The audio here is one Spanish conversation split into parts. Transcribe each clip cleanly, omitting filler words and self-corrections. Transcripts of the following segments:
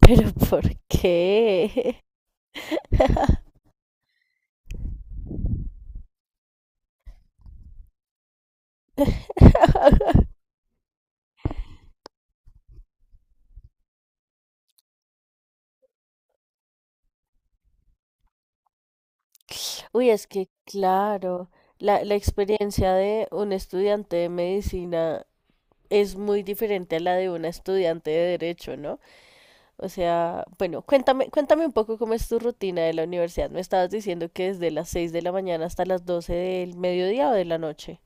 ¿Pero por qué? Uy, es que claro, la experiencia de un estudiante de medicina es muy diferente a la de una estudiante de derecho, ¿no? O sea, bueno, cuéntame, cuéntame un poco cómo es tu rutina de la universidad. Me estabas diciendo que desde las 6 de la mañana hasta las 12 del mediodía o de la noche.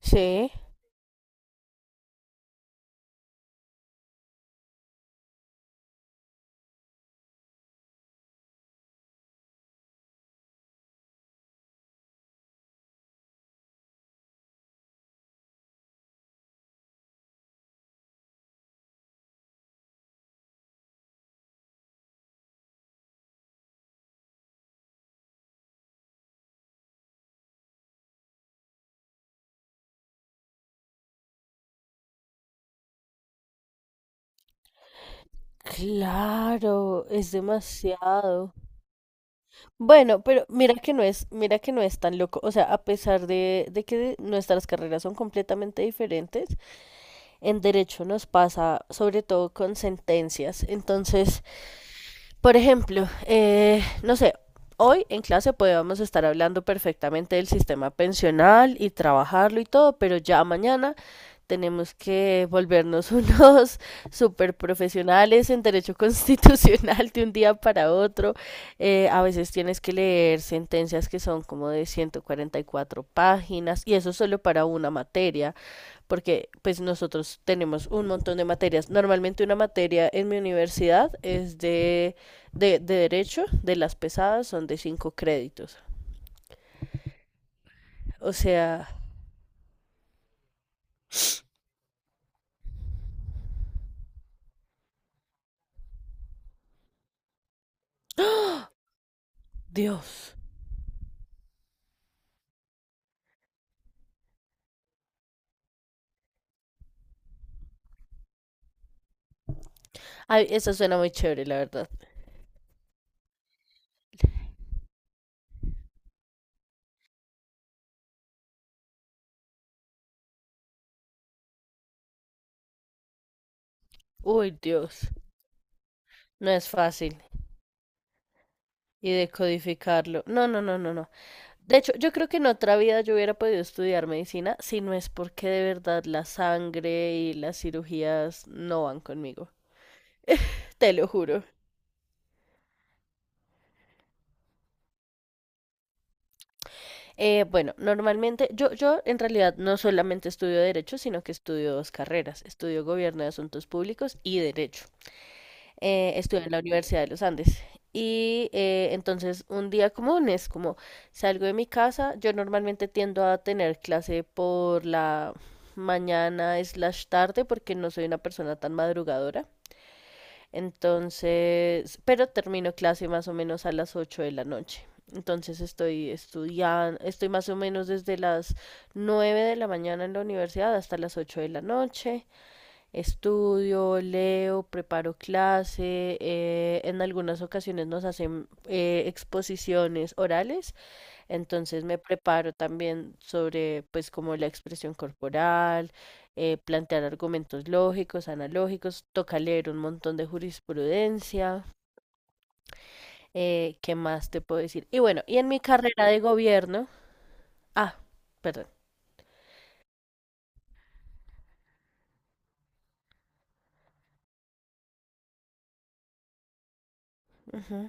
Sí, claro, es demasiado. Bueno, pero mira que no es tan loco. O sea, a pesar de, que nuestras carreras son completamente diferentes, en derecho nos pasa sobre todo con sentencias. Entonces, por ejemplo, no sé, hoy en clase podemos estar hablando perfectamente del sistema pensional y trabajarlo y todo, pero ya mañana tenemos que volvernos unos super profesionales en derecho constitucional de un día para otro. A veces tienes que leer sentencias que son como de 144 páginas y eso solo para una materia porque pues nosotros tenemos un montón de materias. Normalmente una materia en mi universidad es de, de derecho, de las pesadas son de 5 créditos. O sea, Dios. Ay, esa suena muy chévere, la verdad. Uy, Dios. No es fácil. Y decodificarlo. No, no, no, no, no. De hecho, yo creo que en otra vida yo hubiera podido estudiar medicina si no es porque de verdad la sangre y las cirugías no van conmigo. Te lo juro. Bueno, normalmente yo en realidad no solamente estudio derecho, sino que estudio dos carreras. Estudio gobierno de asuntos públicos y derecho. Estudio en la Universidad de los Andes. Y entonces un día común es como salgo de mi casa, yo normalmente tiendo a tener clase por la mañana/tarde porque no soy una persona tan madrugadora. Entonces, pero termino clase más o menos a las 8 de la noche. Entonces estoy estudiando, estoy más o menos desde las 9 de la mañana en la universidad hasta las 8 de la noche. Estudio, leo, preparo clase. En algunas ocasiones nos hacen exposiciones orales, entonces me preparo también sobre, pues, como la expresión corporal, plantear argumentos lógicos, analógicos, toca leer un montón de jurisprudencia, ¿qué más te puedo decir? Y bueno, y en mi carrera de gobierno, ah, perdón. Ujú,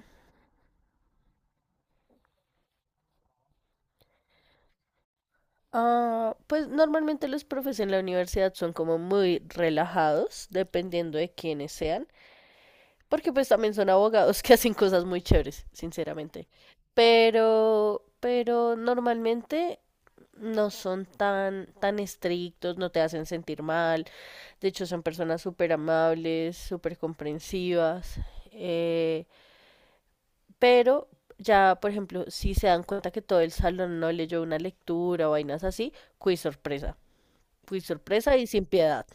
ah, pues normalmente los profes en la universidad son como muy relajados, dependiendo de quiénes sean. Porque pues también son abogados que hacen cosas muy chéveres, sinceramente. Pero, normalmente no son tan, estrictos, no te hacen sentir mal. De hecho, son personas súper amables, súper comprensivas. eh, pero ya, por ejemplo, si se dan cuenta que todo el salón no leyó una lectura o vainas así, quiz sorpresa. Quiz sorpresa y sin piedad.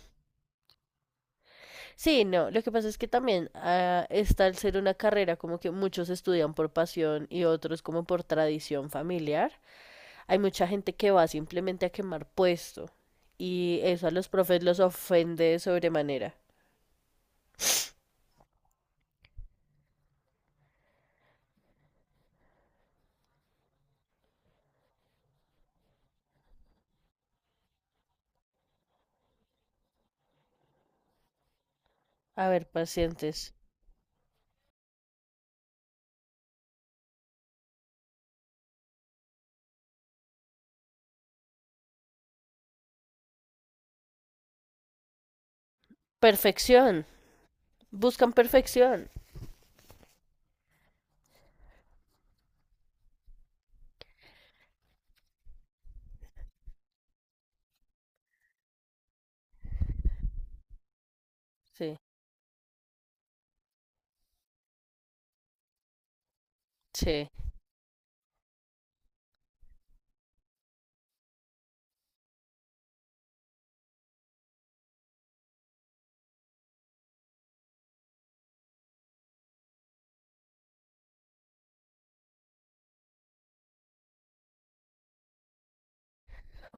Sí, no, lo que pasa es que también está al ser una carrera como que muchos estudian por pasión y otros como por tradición familiar. Hay mucha gente que va simplemente a quemar puesto y eso a los profes los ofende de sobremanera. A ver, pacientes. Perfección. Buscan perfección. Sí, sí.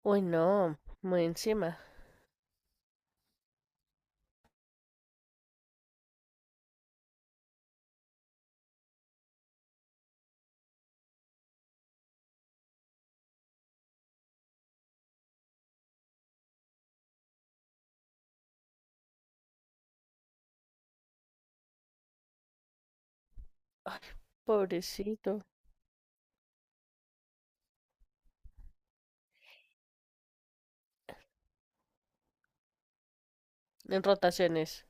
Uy, no, muy encima. Ay, pobrecito. En rotaciones.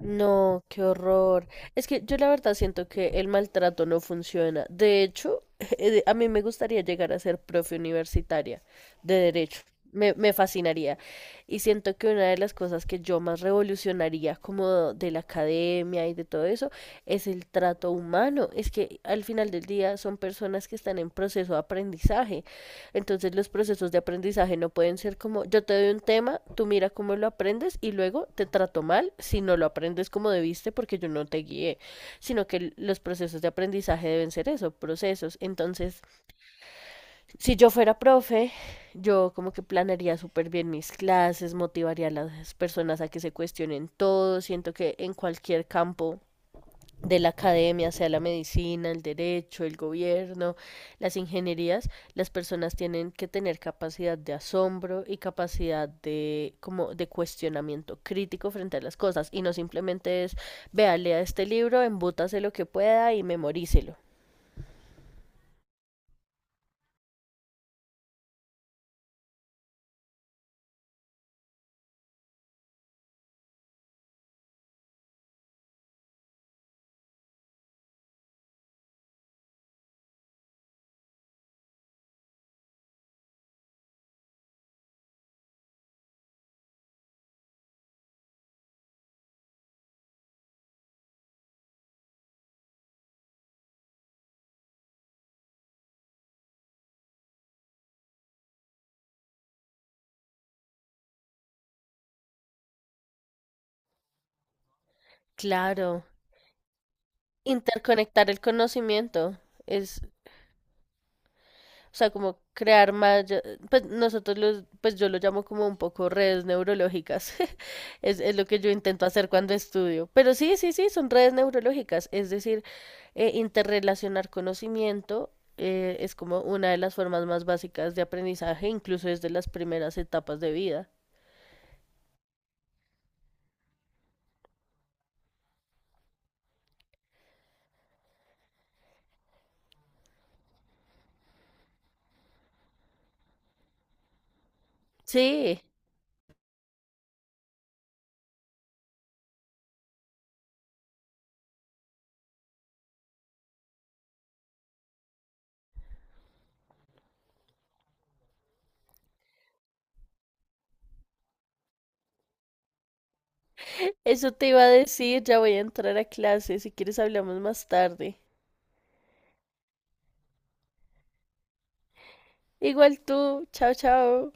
No, qué horror. Es que yo la verdad siento que el maltrato no funciona. De hecho, a mí me gustaría llegar a ser profe universitaria de derecho. Me fascinaría. Y siento que una de las cosas que yo más revolucionaría como de la academia y de todo eso es el trato humano. Es que al final del día son personas que están en proceso de aprendizaje, entonces los procesos de aprendizaje no pueden ser como yo te doy un tema, tú mira cómo lo aprendes y luego te trato mal si no lo aprendes como debiste porque yo no te guié, sino que los procesos de aprendizaje deben ser eso, procesos. Entonces, si yo fuera profe, yo como que planearía súper bien mis clases, motivaría a las personas a que se cuestionen todo, siento que en cualquier campo de la academia, sea la medicina, el derecho, el gobierno, las ingenierías, las personas tienen que tener capacidad de asombro y capacidad de como de cuestionamiento crítico frente a las cosas y no simplemente es vea, lea este libro, embútase lo que pueda y memorícelo. Claro, interconectar el conocimiento es O sea, como crear más, pues nosotros los, pues yo lo llamo como un poco redes neurológicas. Es lo que yo intento hacer cuando estudio. Pero sí, sí, sí, son redes neurológicas. Es decir, interrelacionar conocimiento es como una de las formas más básicas de aprendizaje, incluso desde las primeras etapas de vida. Sí, eso te iba a decir, ya voy a entrar a clase, si quieres hablamos más tarde. Igual tú, chao, chao.